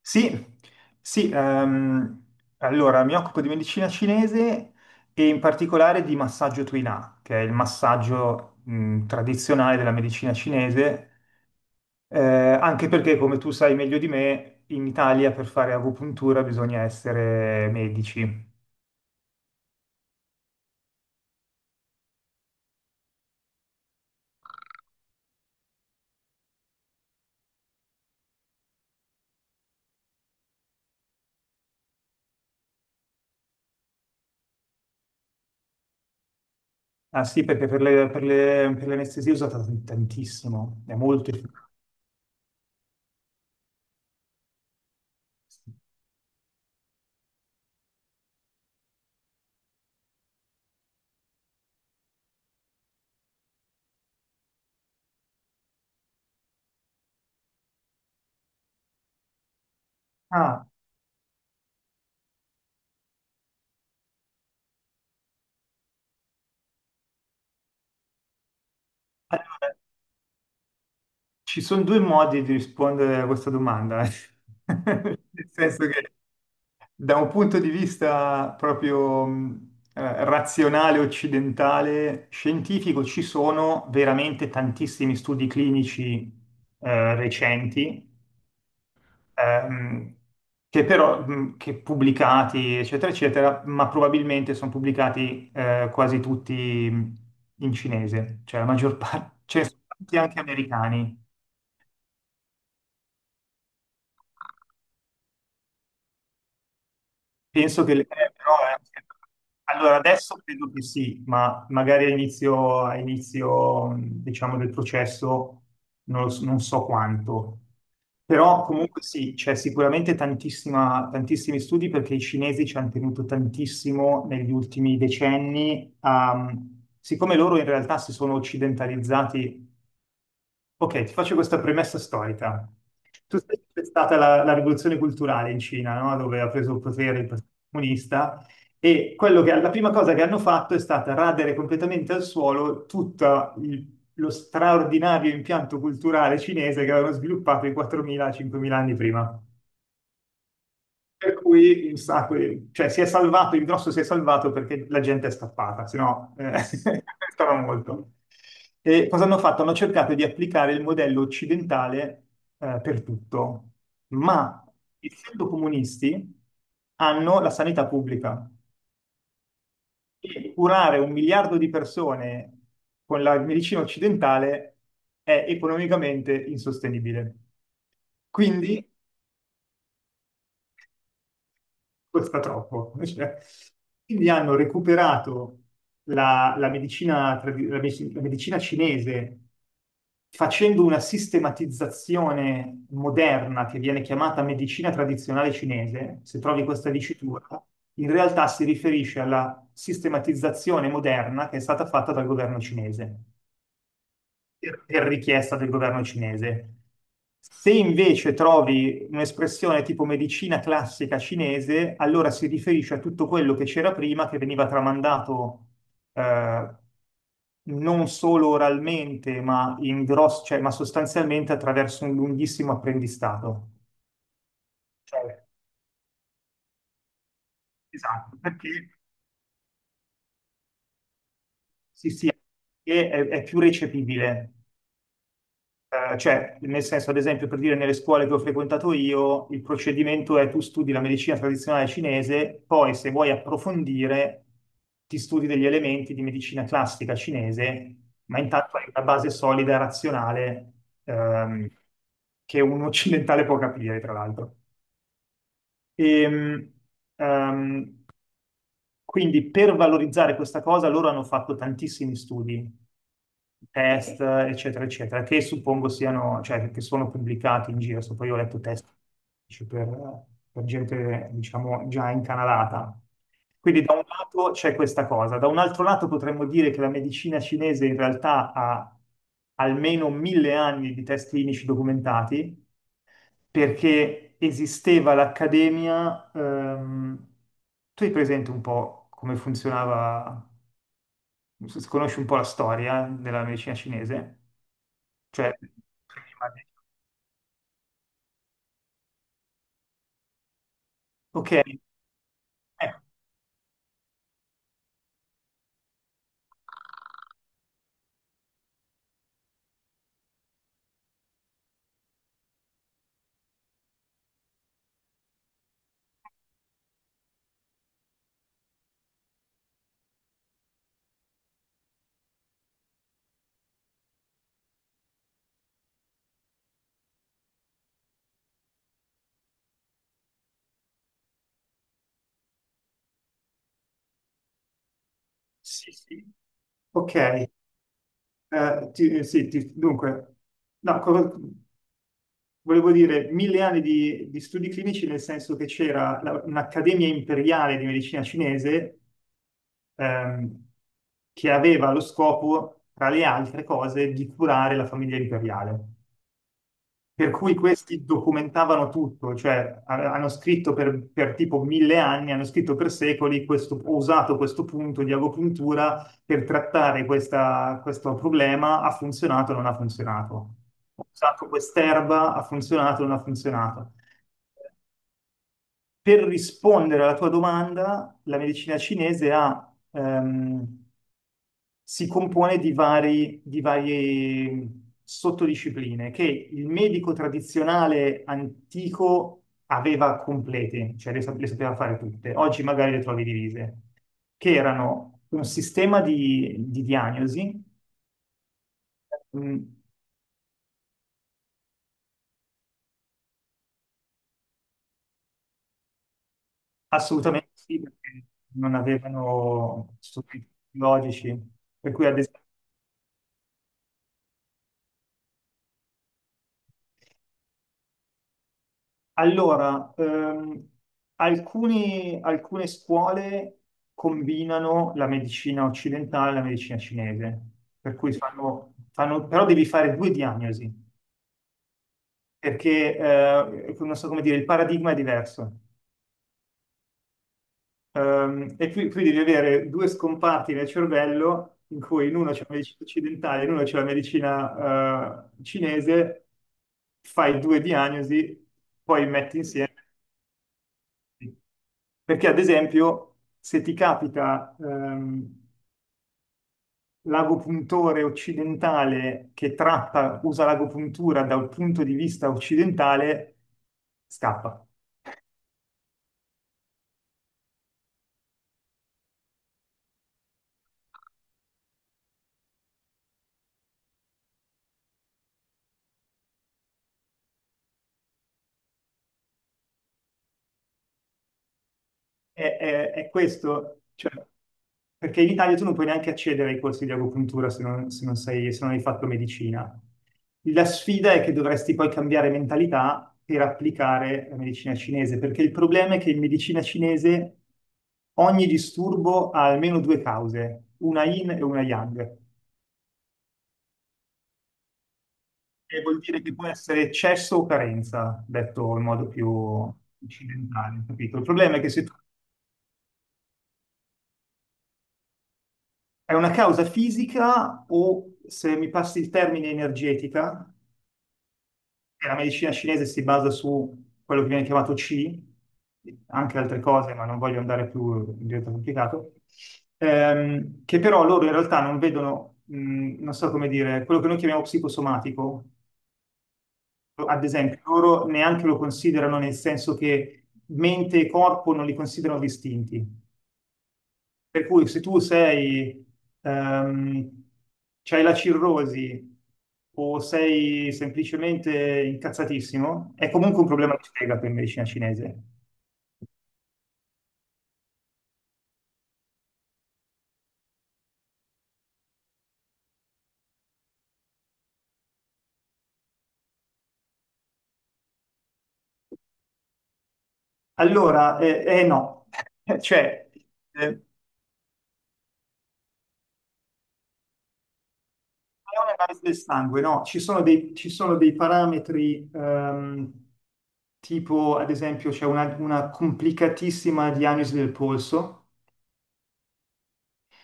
Sì, sì, allora mi occupo di medicina cinese e in particolare di massaggio Tuina, che è il massaggio tradizionale della medicina cinese, eh, anche perché, come tu sai meglio di me, in Italia per fare agopuntura bisogna essere medici. Ah sì, perché per l'anestesia è usata tantissimo, è molto efficace. Ah, allora, ci sono due modi di rispondere a questa domanda, nel senso che da un punto di vista proprio razionale, occidentale, scientifico, ci sono veramente tantissimi studi clinici recenti, ehm, che però, che pubblicati, eccetera, eccetera, ma probabilmente sono pubblicati quasi tutti in cinese, cioè la maggior parte, ce ne sono tanti anche americani. Penso che però, allora adesso credo che sì, ma magari a inizio, diciamo, del processo non, lo so non so quanto. Però comunque sì, c'è sicuramente tantissima, tantissimi studi perché i cinesi ci hanno tenuto tantissimo negli ultimi decenni. Siccome loro in realtà si sono occidentalizzati. Ok, ti faccio questa premessa storica. Tu sai che c'è stata la rivoluzione culturale in Cina, no? Dove ha preso il potere il Partito Comunista e la prima cosa che hanno fatto è stata radere completamente al suolo tutto lo straordinario impianto culturale cinese che avevano sviluppato i 4.000-5.000 anni prima. Per cui un sacco cioè, si è salvato, il grosso si è salvato perché la gente è scappata, se no stava molto. E cosa hanno fatto? Hanno cercato di applicare il modello occidentale per tutto, ma essendo comunisti hanno la sanità pubblica e curare 1 miliardo di persone con la medicina occidentale è economicamente insostenibile. Quindi costa troppo. Cioè, quindi hanno recuperato la medicina, la medicina cinese facendo una sistematizzazione moderna che viene chiamata medicina tradizionale cinese, se trovi questa dicitura, in realtà si riferisce alla sistematizzazione moderna che è stata fatta dal governo cinese per richiesta del governo cinese. Se invece trovi un'espressione tipo medicina classica cinese, allora si riferisce a tutto quello che c'era prima, che veniva tramandato eh, non solo oralmente, ma, sostanzialmente attraverso un lunghissimo apprendistato. Cioè, esatto, perché sì, sì, perché è più recepibile. Cioè, nel senso, ad esempio, per dire nelle scuole che ho frequentato io, il procedimento è tu studi la medicina tradizionale cinese, poi se vuoi approfondire, ti studi degli elementi di medicina classica cinese, ma intanto hai una base solida e razionale, ehm, che un occidentale può capire, tra l'altro. Ehm, ehm, quindi per valorizzare questa cosa loro hanno fatto tantissimi studi, test, eccetera, eccetera, che suppongo siano, cioè che sono pubblicati in giro. So, poi ho letto test per, per gente, diciamo, già incanalata. Quindi da un lato c'è questa cosa, da un altro lato potremmo dire che la medicina cinese in realtà ha almeno 1.000 anni di test clinici documentati, perché esisteva l'accademia. Tu hai presente un po' come funzionava, se conosci un po' la storia della medicina cinese? Cioè, prima di- ok, sì, sì. Ok, sì, dunque, no, volevo dire 1.000 anni di studi clinici nel senso che c'era un'accademia imperiale di medicina cinese ehm, che aveva lo scopo, tra le altre cose, di curare la famiglia imperiale. Per cui questi documentavano tutto, cioè hanno scritto per tipo 1.000 anni, hanno scritto per secoli, questo, ho usato questo punto di agopuntura per trattare questo problema, ha funzionato o non ha funzionato. Ho usato quest'erba, ha funzionato o non ha funzionato. Per rispondere alla tua domanda, la medicina cinese ha si compone di varie sottodiscipline che il medico tradizionale antico aveva complete, cioè le sapeva fare tutte. Oggi magari le trovi divise, che erano un sistema di diagnosi, mh, assolutamente sì, perché non avevano strumenti tecnologici, per cui ad esempio. Allora, alcune scuole combinano la medicina occidentale e la medicina cinese, per cui però devi fare due diagnosi, perché non so come dire, il paradigma è diverso. E qui devi avere due scomparti nel cervello in cui in uno c'è la medicina occidentale e in uno c'è la medicina cinese, fai due diagnosi, poi metti insieme. Perché ad esempio, se ti capita l'agopuntore occidentale che tratta, usa l'agopuntura dal punto di vista occidentale, scappa. È questo, cioè, perché in Italia tu non puoi neanche accedere ai corsi di agopuntura se non hai fatto medicina. La sfida è che dovresti poi cambiare mentalità per applicare la medicina cinese, perché il problema è che in medicina cinese ogni disturbo ha almeno due cause, una yin e una yang, che vuol dire che può essere eccesso o carenza, detto in modo più occidentale, capito? Il problema è che se tu. È una causa fisica o, se mi passi il termine, energetica, e la medicina cinese si basa su quello che viene chiamato Qi, anche altre cose, ma non voglio andare più in diretta complicato, che però loro in realtà non vedono, non so come dire, quello che noi chiamiamo psicosomatico, ad esempio, loro neanche lo considerano nel senso che mente e corpo non li considerano distinti. Per cui se tu sei, ehm, c'hai la cirrosi o sei semplicemente incazzatissimo, è comunque un problema di fegato in medicina cinese. Allora, no, cioè, è un'analisi del sangue, no? Ci sono ci sono dei parametri, tipo, ad esempio, c'è una complicatissima diagnosi del polso,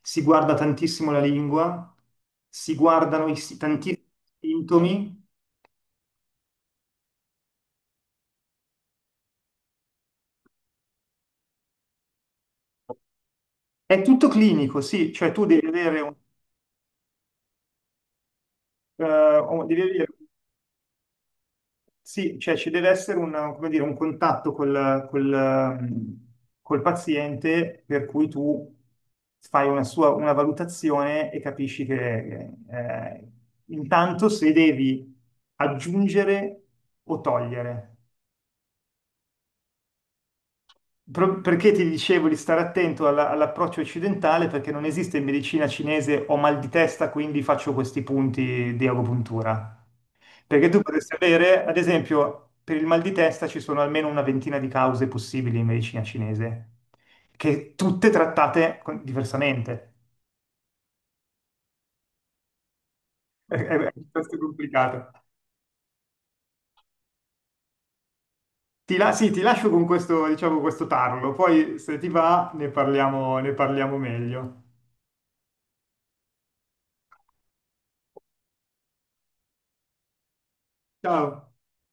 si guarda tantissimo la lingua, si guardano tantissimi sintomi, è tutto clinico, sì, cioè tu devi avere eh, un- devi avere- sì, cioè ci deve essere come dire, un contatto col paziente per cui tu fai una valutazione e capisci che intanto se devi aggiungere o togliere. Perché ti dicevo di stare attento all'approccio occidentale perché non esiste in medicina cinese ho mal di testa, quindi faccio questi punti di agopuntura. Perché tu potresti avere, ad esempio, per il mal di testa ci sono almeno una ventina di cause possibili in medicina cinese, che tutte trattate diversamente. È piuttosto complicato. Sì, ti lascio con questo, diciamo, questo tarlo, poi se ti va ne parliamo meglio. Ciao.